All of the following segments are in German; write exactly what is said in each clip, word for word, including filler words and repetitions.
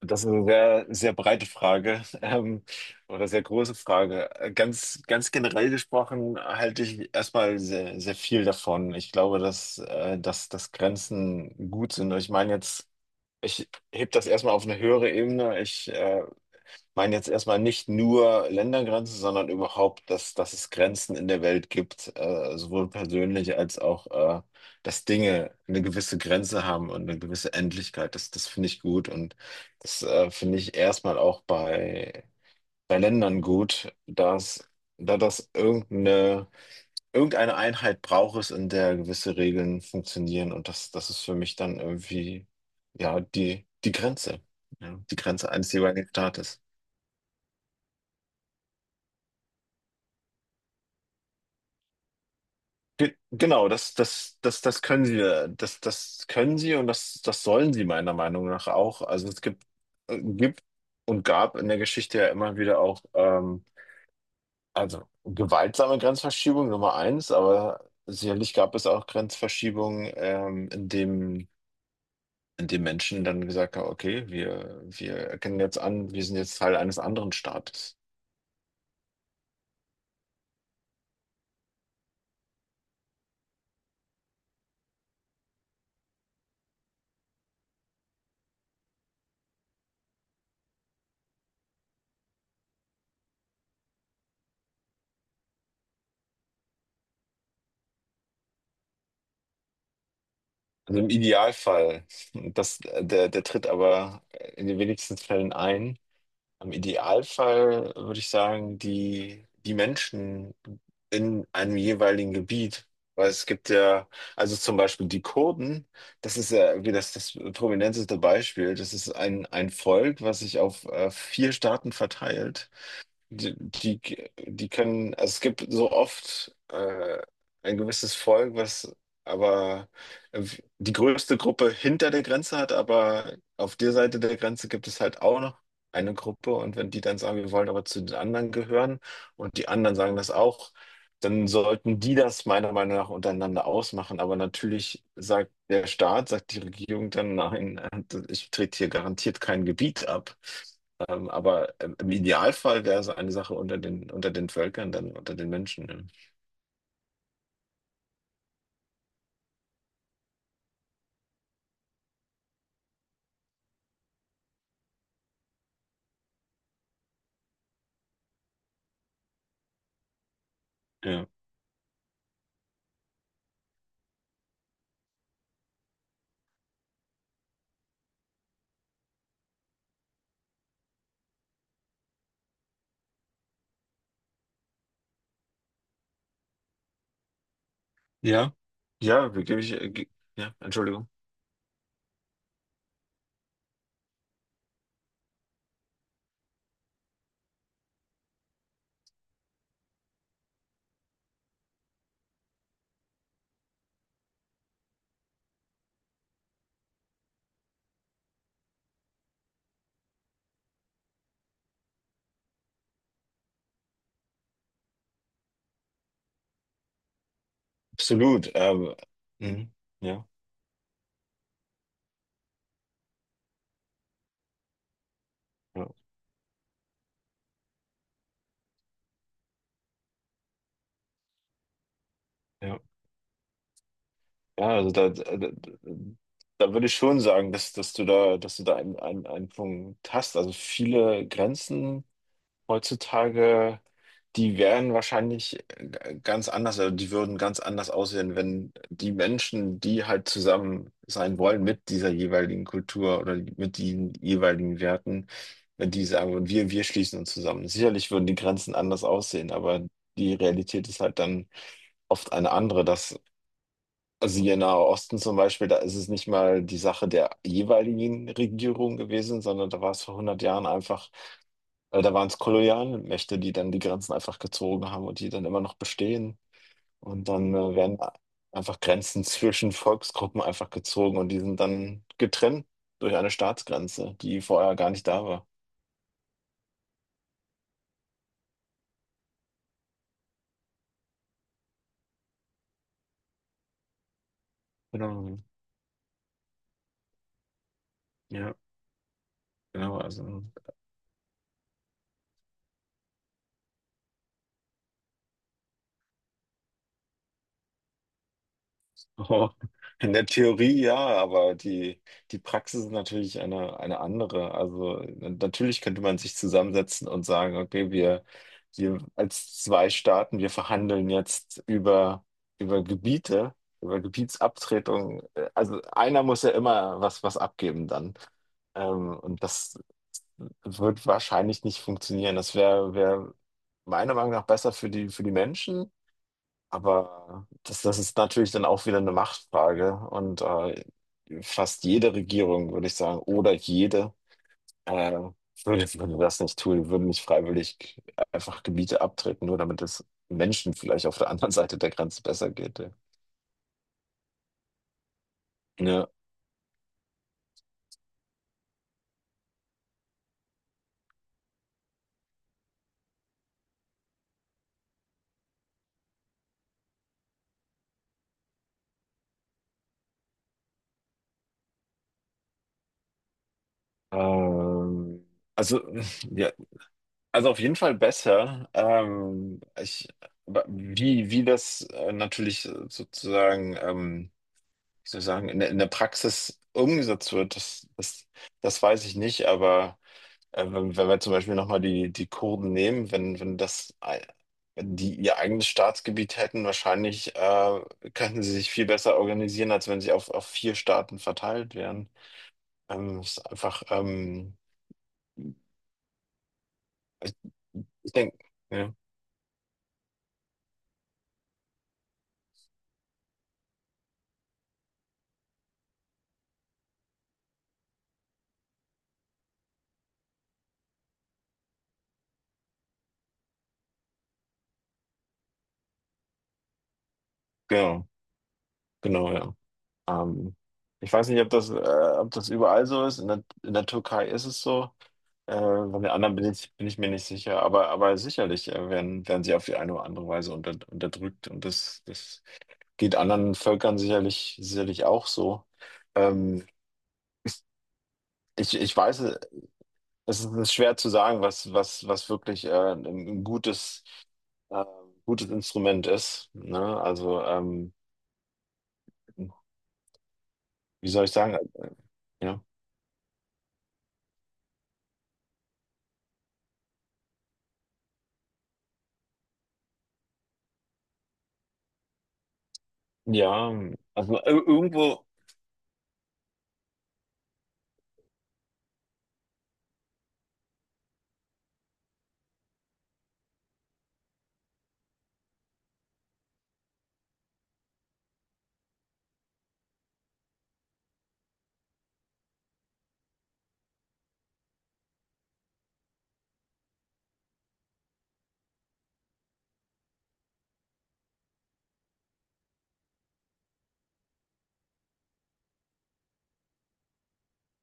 Das ist eine sehr, sehr breite Frage, ähm, oder sehr große Frage. Äh, Ganz, ganz generell gesprochen halte ich erstmal sehr, sehr viel davon. Ich glaube, dass, äh, dass, dass Grenzen gut sind. Ich meine jetzt, ich heb das erstmal auf eine höhere Ebene. Ich, äh, meine jetzt erstmal nicht nur Ländergrenzen, sondern überhaupt, dass, dass es Grenzen in der Welt gibt, äh, sowohl persönlich als auch, äh, dass Dinge eine gewisse Grenze haben und eine gewisse Endlichkeit. Das, das finde ich gut und das, äh, finde ich erstmal auch bei, bei Ländern gut, dass, da das irgendeine, irgendeine Einheit braucht es, in der gewisse Regeln funktionieren und das, das ist für mich dann irgendwie, ja, die, die Grenze. Ja, die Grenze eines jeweiligen Staates. Ge- Genau, das, das, das, das können sie, äh, das, das können sie und das, das sollen sie meiner Meinung nach auch. Also es gibt, äh, gibt und gab in der Geschichte ja immer wieder auch, ähm, also gewaltsame Grenzverschiebung Nummer eins, aber sicherlich gab es auch Grenzverschiebungen, ähm, in dem, in dem Menschen dann gesagt haben, okay, wir, wir erkennen jetzt an, wir sind jetzt Teil eines anderen Staates. Also im Idealfall, das, äh, der, der tritt aber in den wenigsten Fällen ein. Im Idealfall würde ich sagen, die, die Menschen in einem jeweiligen Gebiet. Weil es gibt ja, also zum Beispiel die Kurden, das ist ja irgendwie das, das prominenteste Beispiel. Das ist ein, ein Volk, was sich auf äh, vier Staaten verteilt. die, die, Die können, also es gibt so oft äh, ein gewisses Volk, was aber äh, die größte Gruppe hinter der Grenze hat, aber auf der Seite der Grenze gibt es halt auch noch eine Gruppe, und wenn die dann sagen, wir wollen aber zu den anderen gehören und die anderen sagen das auch, dann sollten die das meiner Meinung nach untereinander ausmachen. Aber natürlich sagt der Staat, sagt die Regierung dann, nein, äh, ich trete hier garantiert kein Gebiet ab. Ähm, aber im im Idealfall wäre es eine Sache unter den, unter den Völkern, dann unter den Menschen. Ja. Ja. Ja, gebe ich, äh, ge- ja, Entschuldigung. Absolut. Ähm, mhm, ja, ja, ja. Ja, also da, da, da da würde ich schon sagen, dass, dass du da, dass du da einen, einen, einen Punkt hast. Also viele Grenzen heutzutage, die wären wahrscheinlich äh, ganz anders, also die würden ganz anders aussehen, wenn die Menschen, die halt zusammen sein wollen mit dieser jeweiligen Kultur oder mit den jeweiligen Werten, wenn die sagen würden, wir, wir schließen uns zusammen. Sicherlich würden die Grenzen anders aussehen, aber die Realität ist halt dann oft eine andere, dass, also hier im Nahen Osten zum Beispiel, da ist es nicht mal die Sache der jeweiligen Regierung gewesen, sondern da war es vor hundert Jahren einfach äh, da waren's Kolonialmächte, die dann die Grenzen einfach gezogen haben und die dann immer noch bestehen. Und dann äh, werden a- einfach Grenzen zwischen Volksgruppen einfach gezogen, und die sind dann getrennt durch eine Staatsgrenze, die vorher gar nicht da war. Genau. Ja, genau. Also. Oh, in der Theorie ja, aber die, die Praxis ist natürlich eine, eine andere. Also na- natürlich könnte man sich zusammensetzen und sagen, okay, wir, wir als zwei Staaten, wir verhandeln jetzt über, über Gebiete, über Gebietsabtretung. Äh, Also einer muss ja immer was, was abgeben dann. Ähm, und das wird wahrscheinlich nicht funktionieren. Das wäre wär wär meiner Meinung nach besser für die, für die Menschen. Aber das, das ist natürlich dann auch wieder eine Machtfrage, und äh, fast jede Regierung, würde ich sagen, oder jede, äh, würde, würde das nicht tun, würde nicht freiwillig einfach Gebiete abtreten, nur damit es Menschen vielleicht auf der anderen Seite der Grenze besser geht. Ja. Ja, ähm, also, ja, also auf jeden Fall besser. Ähm, ich, aber wie, wie das äh, natürlich sozusagen. Ähm, wie soll ich sagen, in, der- in der Praxis umgesetzt wird, das, das, das weiß ich nicht, aber äh, wenn, wenn wir zum Beispiel nochmal die, die Kurden nehmen, wenn, wenn das, ei- wenn die ihr eigenes Staatsgebiet hätten, wahrscheinlich äh, könnten sie sich viel besser organisieren, als wenn sie auf, auf vier Staaten verteilt wären. Ähm, es ist einfach, ähm, ich, Ich denke, ja, genau, genau, ja. Ähm, ich weiß nicht, ob das, äh, ob das überall so ist. In der, in der Türkei ist es so. Äh, bei den anderen bin ich bin ich mir nicht sicher, aber aber sicherlich, äh, werden werden sie auf die eine oder andere Weise unter unterdrückt, und das das geht anderen Völkern sicherlich sicherlich auch so. Ähm, ich ich weiß, äh, es ist es ist schwer zu sagen, was was was wirklich, äh, 'n 'n gutes, äh, gutes Instrument ist, ne? Also, ähm, wie soll ich sagen? Äh, äh, ja. Ja, also, ir irgendwo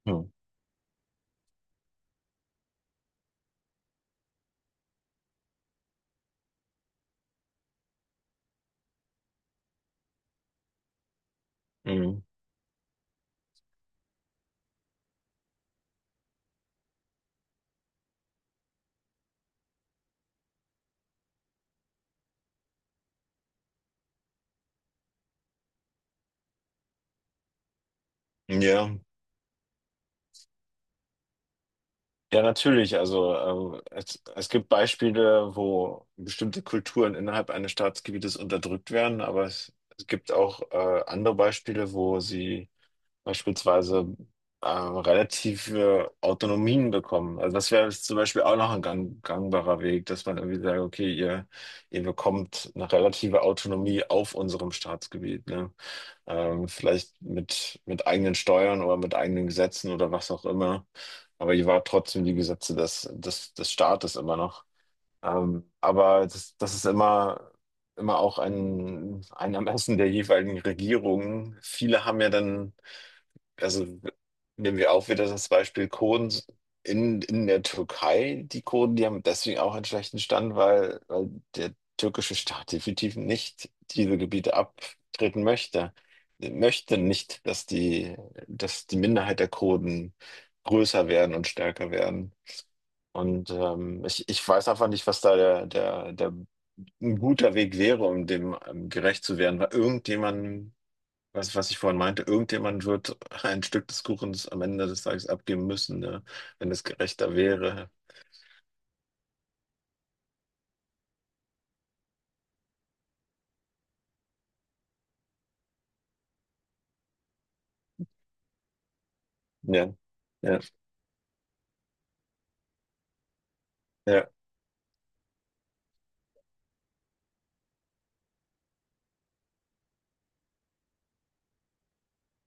hm, mhm, ja. Ja, natürlich. Also ähm, es, es gibt Beispiele, wo bestimmte Kulturen innerhalb eines Staatsgebietes unterdrückt werden, aber es, es gibt auch äh, andere Beispiele, wo sie beispielsweise äh, relative Autonomien bekommen. Also das wäre jetzt zum Beispiel auch noch ein gang, gangbarer Weg, dass man irgendwie sagt, okay, ihr, ihr bekommt eine relative Autonomie auf unserem Staatsgebiet, ne? Ähm, vielleicht mit, mit eigenen Steuern oder mit eigenen Gesetzen oder was auch immer. Aber ich war trotzdem die Gesetze des, des, des Staates immer noch. Ähm, aber das, das ist immer, immer auch ein, ein Ermessen der jeweiligen Regierungen. Viele haben ja dann, also nehmen wir auch wieder das Beispiel Kurden in, in der Türkei. Die Kurden, die haben deswegen auch einen schlechten Stand, weil, weil der türkische Staat definitiv nicht diese Gebiete abtreten möchte. Möchte nicht, dass die, dass die Minderheit der Kurden größer werden und stärker werden. Und ähm, ich, ich weiß einfach nicht, was da der, der, der ein guter Weg wäre, um dem ähm, gerecht zu werden, weil irgendjemand, was, was ich vorhin meinte, irgendjemand wird ein Stück des Kuchens am Ende des Tages abgeben müssen, ne? Wenn es gerechter wäre. Ja, ja, ja,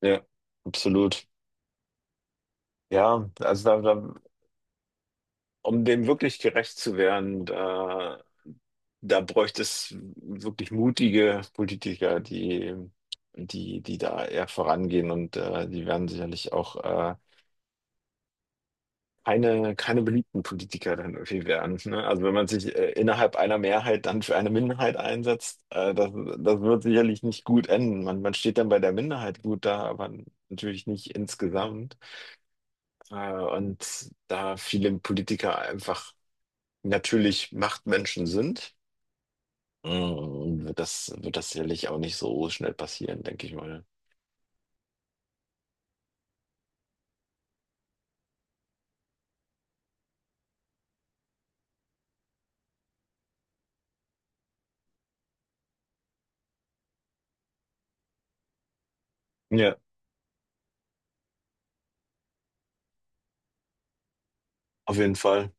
ja, absolut. Ja, also da, da, um dem wirklich gerecht zu werden, da, da bräuchte es wirklich mutige Politiker, die, die, die da eher vorangehen, und äh, die werden sicherlich auch äh, keine, keine beliebten Politiker dann irgendwie werden. Ne? Also wenn man sich äh, innerhalb einer Mehrheit dann für eine Minderheit einsetzt, äh, das, das wird sicherlich nicht gut enden. Man, man steht dann bei der Minderheit gut da, aber natürlich nicht insgesamt. Äh, und da viele Politiker einfach natürlich Machtmenschen sind, mm, wird das, wird das sicherlich auch nicht so schnell passieren, denke ich mal. Ja, auf jeden Fall.